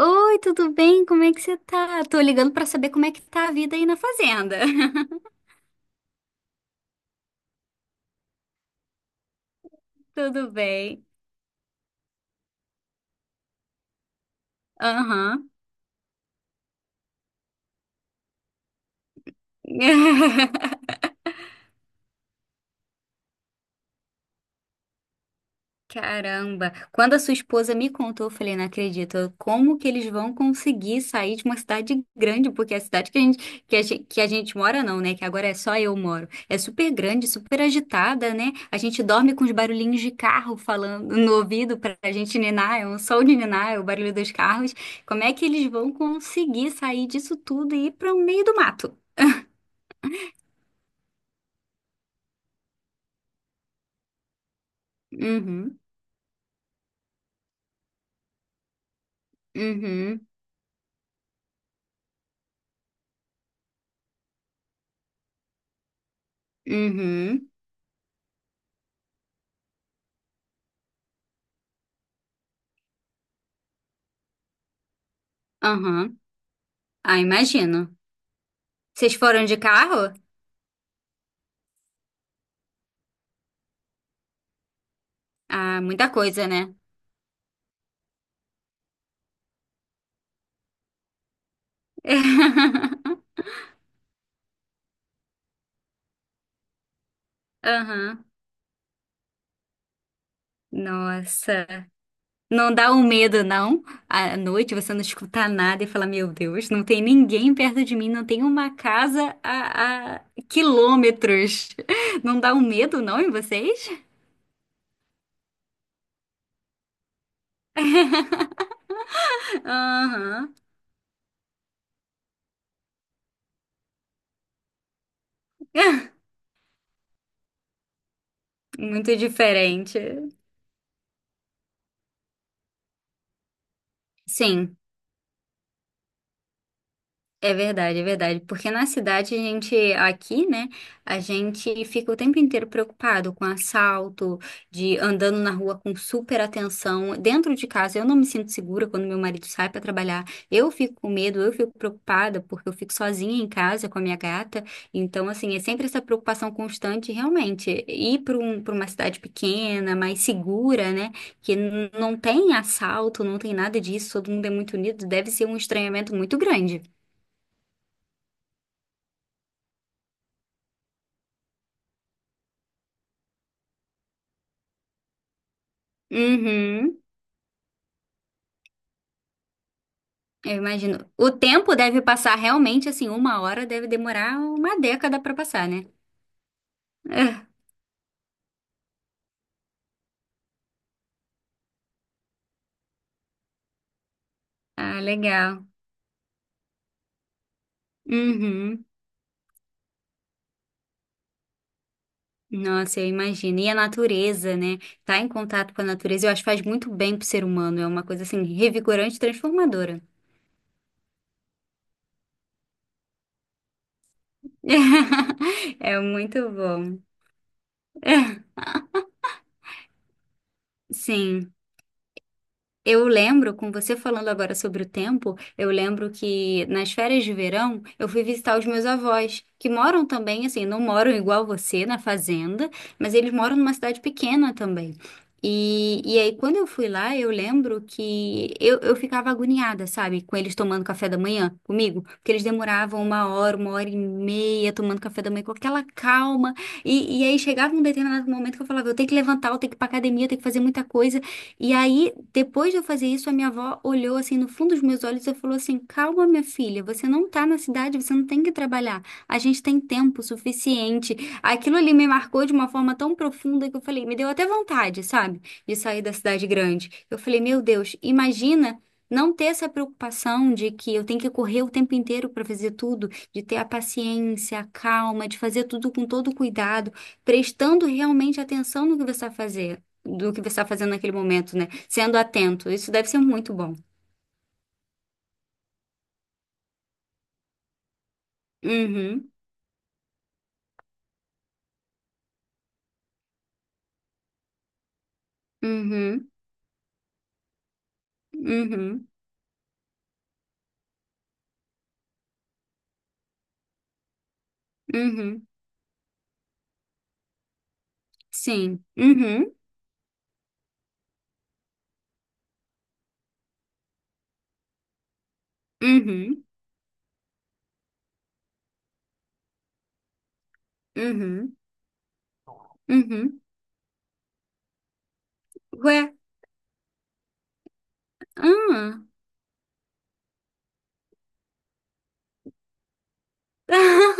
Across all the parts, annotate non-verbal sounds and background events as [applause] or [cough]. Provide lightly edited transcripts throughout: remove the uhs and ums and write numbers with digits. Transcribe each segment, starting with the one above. Oi, tudo bem? Como é que você tá? Tô ligando pra saber como é que tá a vida aí na fazenda. [laughs] Tudo bem? Aham. [laughs] Caramba, quando a sua esposa me contou, eu falei, não acredito, como que eles vão conseguir sair de uma cidade grande, porque a cidade que a gente, que a gente, que a gente mora não, né, que agora é só eu moro, é super grande, super agitada, né, a gente dorme com os barulhinhos de carro falando no ouvido pra gente ninar, é um som de ninar, é o barulho dos carros, como é que eles vão conseguir sair disso tudo e ir para o meio do mato? Uhum, uhum, uhum, aham, ah, imagino. Vocês foram de carro? Ah, muita coisa, né? [laughs] Aham. Nossa. Não dá um medo, não? À noite você não escuta nada e fala: Meu Deus, não tem ninguém perto de mim, não tem uma casa a quilômetros. [laughs] Não dá um medo, não, em vocês? Aham. [laughs] Muito diferente. Sim. É verdade, é verdade. Porque na cidade a gente, aqui, né, a gente fica o tempo inteiro preocupado com assalto, de andando na rua com super atenção. Dentro de casa eu não me sinto segura quando meu marido sai para trabalhar. Eu fico com medo, eu fico preocupada porque eu fico sozinha em casa com a minha gata. Então, assim, é sempre essa preocupação constante, realmente. Ir para uma cidade pequena, mais segura, né, que não tem assalto, não tem nada disso, todo mundo é muito unido, deve ser um estranhamento muito grande. Uhum, eu imagino. O tempo deve passar realmente assim, uma hora deve demorar uma década para passar, né? [laughs] Ah, ah, legal. Uhum. Nossa, eu imagino. E a natureza, né? Tá em contato com a natureza, eu acho que faz muito bem pro ser humano. É uma coisa assim, revigorante e transformadora. [laughs] É muito bom. Sim. Eu lembro, com você falando agora sobre o tempo, eu lembro que nas férias de verão eu fui visitar os meus avós, que moram também, assim, não moram igual você na fazenda, mas eles moram numa cidade pequena também. E aí, quando eu fui lá, eu lembro que eu ficava agoniada, sabe, com eles tomando café da manhã comigo, porque eles demoravam uma hora e meia tomando café da manhã com aquela calma. E aí chegava um determinado momento que eu falava, eu tenho que levantar, eu tenho que ir pra academia, eu tenho que fazer muita coisa. E aí, depois de eu fazer isso, a minha avó olhou assim no fundo dos meus olhos e falou assim: Calma, minha filha, você não tá na cidade, você não tem que trabalhar. A gente tem tempo suficiente. Aquilo ali me marcou de uma forma tão profunda que eu falei: Me deu até vontade, sabe, de sair da cidade grande. Eu falei: Meu Deus, imagina. Não ter essa preocupação de que eu tenho que correr o tempo inteiro para fazer tudo, de ter a paciência, a calma, de fazer tudo com todo cuidado, prestando realmente atenção no que você vai fazer do que você está fazendo naquele momento, né? Sendo atento. Isso deve ser muito bom. Uhum, uhum, uhum, uhum. Sim. Uhum, uhum, uhum, uhum. Ué, ah. [laughs]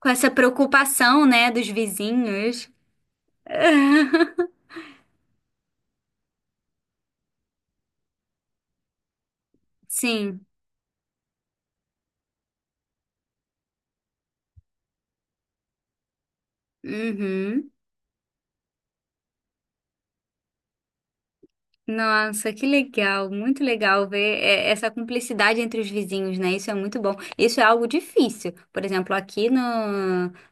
Com essa preocupação, né, dos vizinhos. [laughs] Sim. Uhum. Nossa, que legal, muito legal ver é, essa cumplicidade entre os vizinhos, né? Isso é muito bom. Isso é algo difícil. Por exemplo, aqui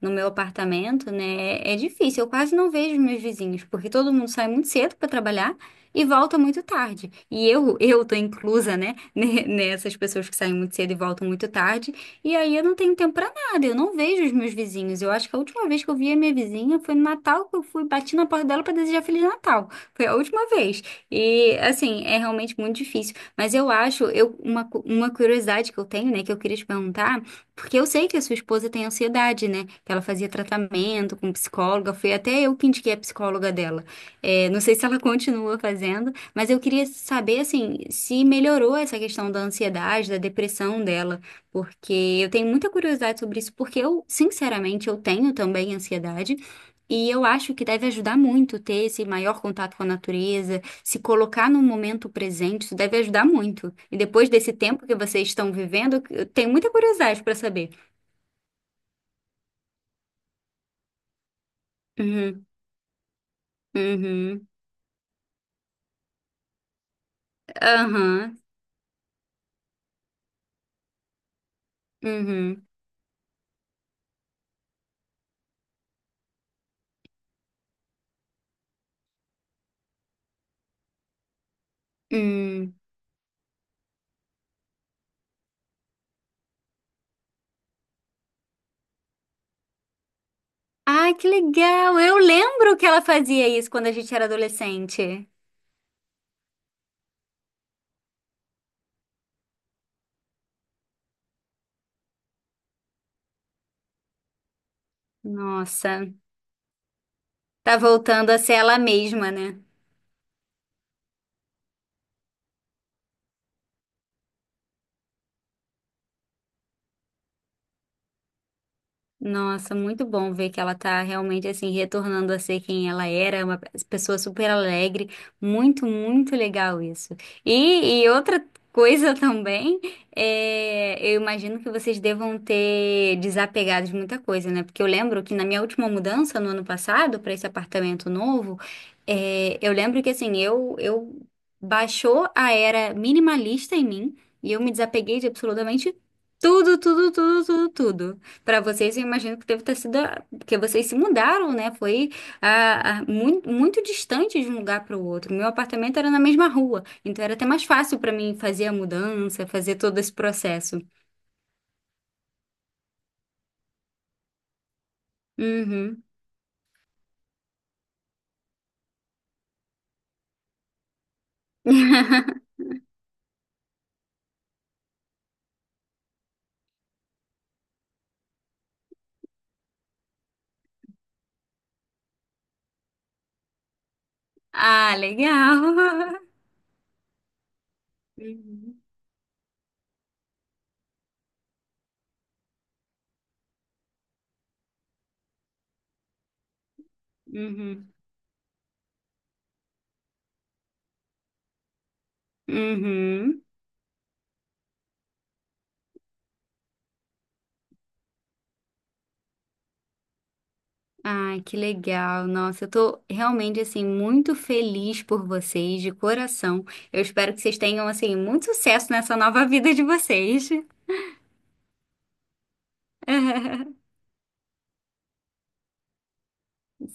no meu apartamento, né? É difícil. Eu quase não vejo meus vizinhos, porque todo mundo sai muito cedo para trabalhar e volta muito tarde. E eu, [laughs] eu tô inclusa, né? [laughs] Nessas pessoas que saem muito cedo e voltam muito tarde. E aí eu não tenho tempo para nada. Eu não vejo os meus vizinhos. Eu acho que a última vez que eu vi a minha vizinha foi no Natal que eu fui bati na porta dela para desejar Feliz Natal. Foi a última vez. E assim, é realmente muito difícil. Mas eu acho, eu, uma, uma curiosidade que eu tenho, né, que eu queria te perguntar, porque eu sei que a sua esposa tem ansiedade, né? Que ela fazia tratamento com psicóloga, foi até eu que indiquei a psicóloga dela. É, não sei se ela [laughs] continua fazendo, mas eu queria saber, assim, se melhorou essa questão da ansiedade, da depressão dela, porque eu tenho muita curiosidade sobre isso, porque eu, sinceramente, eu tenho também ansiedade. E eu acho que deve ajudar muito ter esse maior contato com a natureza, se colocar no momento presente, isso deve ajudar muito. E depois desse tempo que vocês estão vivendo, eu tenho muita curiosidade para saber. Uhum, uhum, aham, uhum, hum. Ai, que legal! Eu lembro que ela fazia isso quando a gente era adolescente. Nossa, tá voltando a ser ela mesma, né? Nossa, muito bom ver que ela tá realmente assim retornando a ser quem ela era, uma pessoa super alegre, muito, muito legal isso. E outra coisa [laughs] também, é, eu imagino que vocês devam ter desapegado de muita coisa, né? Porque eu lembro que na minha última mudança no ano passado para esse apartamento novo, é, eu lembro que assim eu baixou a era minimalista em mim e eu me desapeguei de absolutamente tudo, tudo, tudo, tudo, tudo. Para vocês, eu imagino que deve ter sido, porque vocês se mudaram, né? Foi muito, muito distante de um lugar para o outro. Meu apartamento era na mesma rua, então era até mais fácil para mim fazer a mudança, fazer todo esse processo. Uhum. [laughs] Ah, legal. Uhum. Uhum. Uhum. Ai, que legal. Nossa, eu tô realmente assim muito feliz por vocês, de coração. Eu espero que vocês tenham assim muito sucesso nessa nova vida de vocês. [laughs]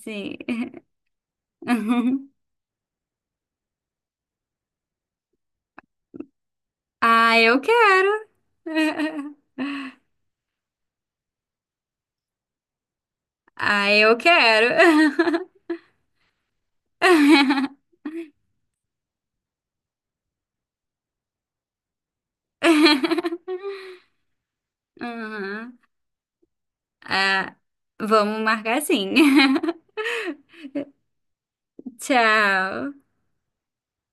Sim. [laughs] Ah, eu quero. [laughs] Ah, eu quero. [laughs] [laughs] Uhum. Ah, vamos marcar sim. [laughs] Tchau.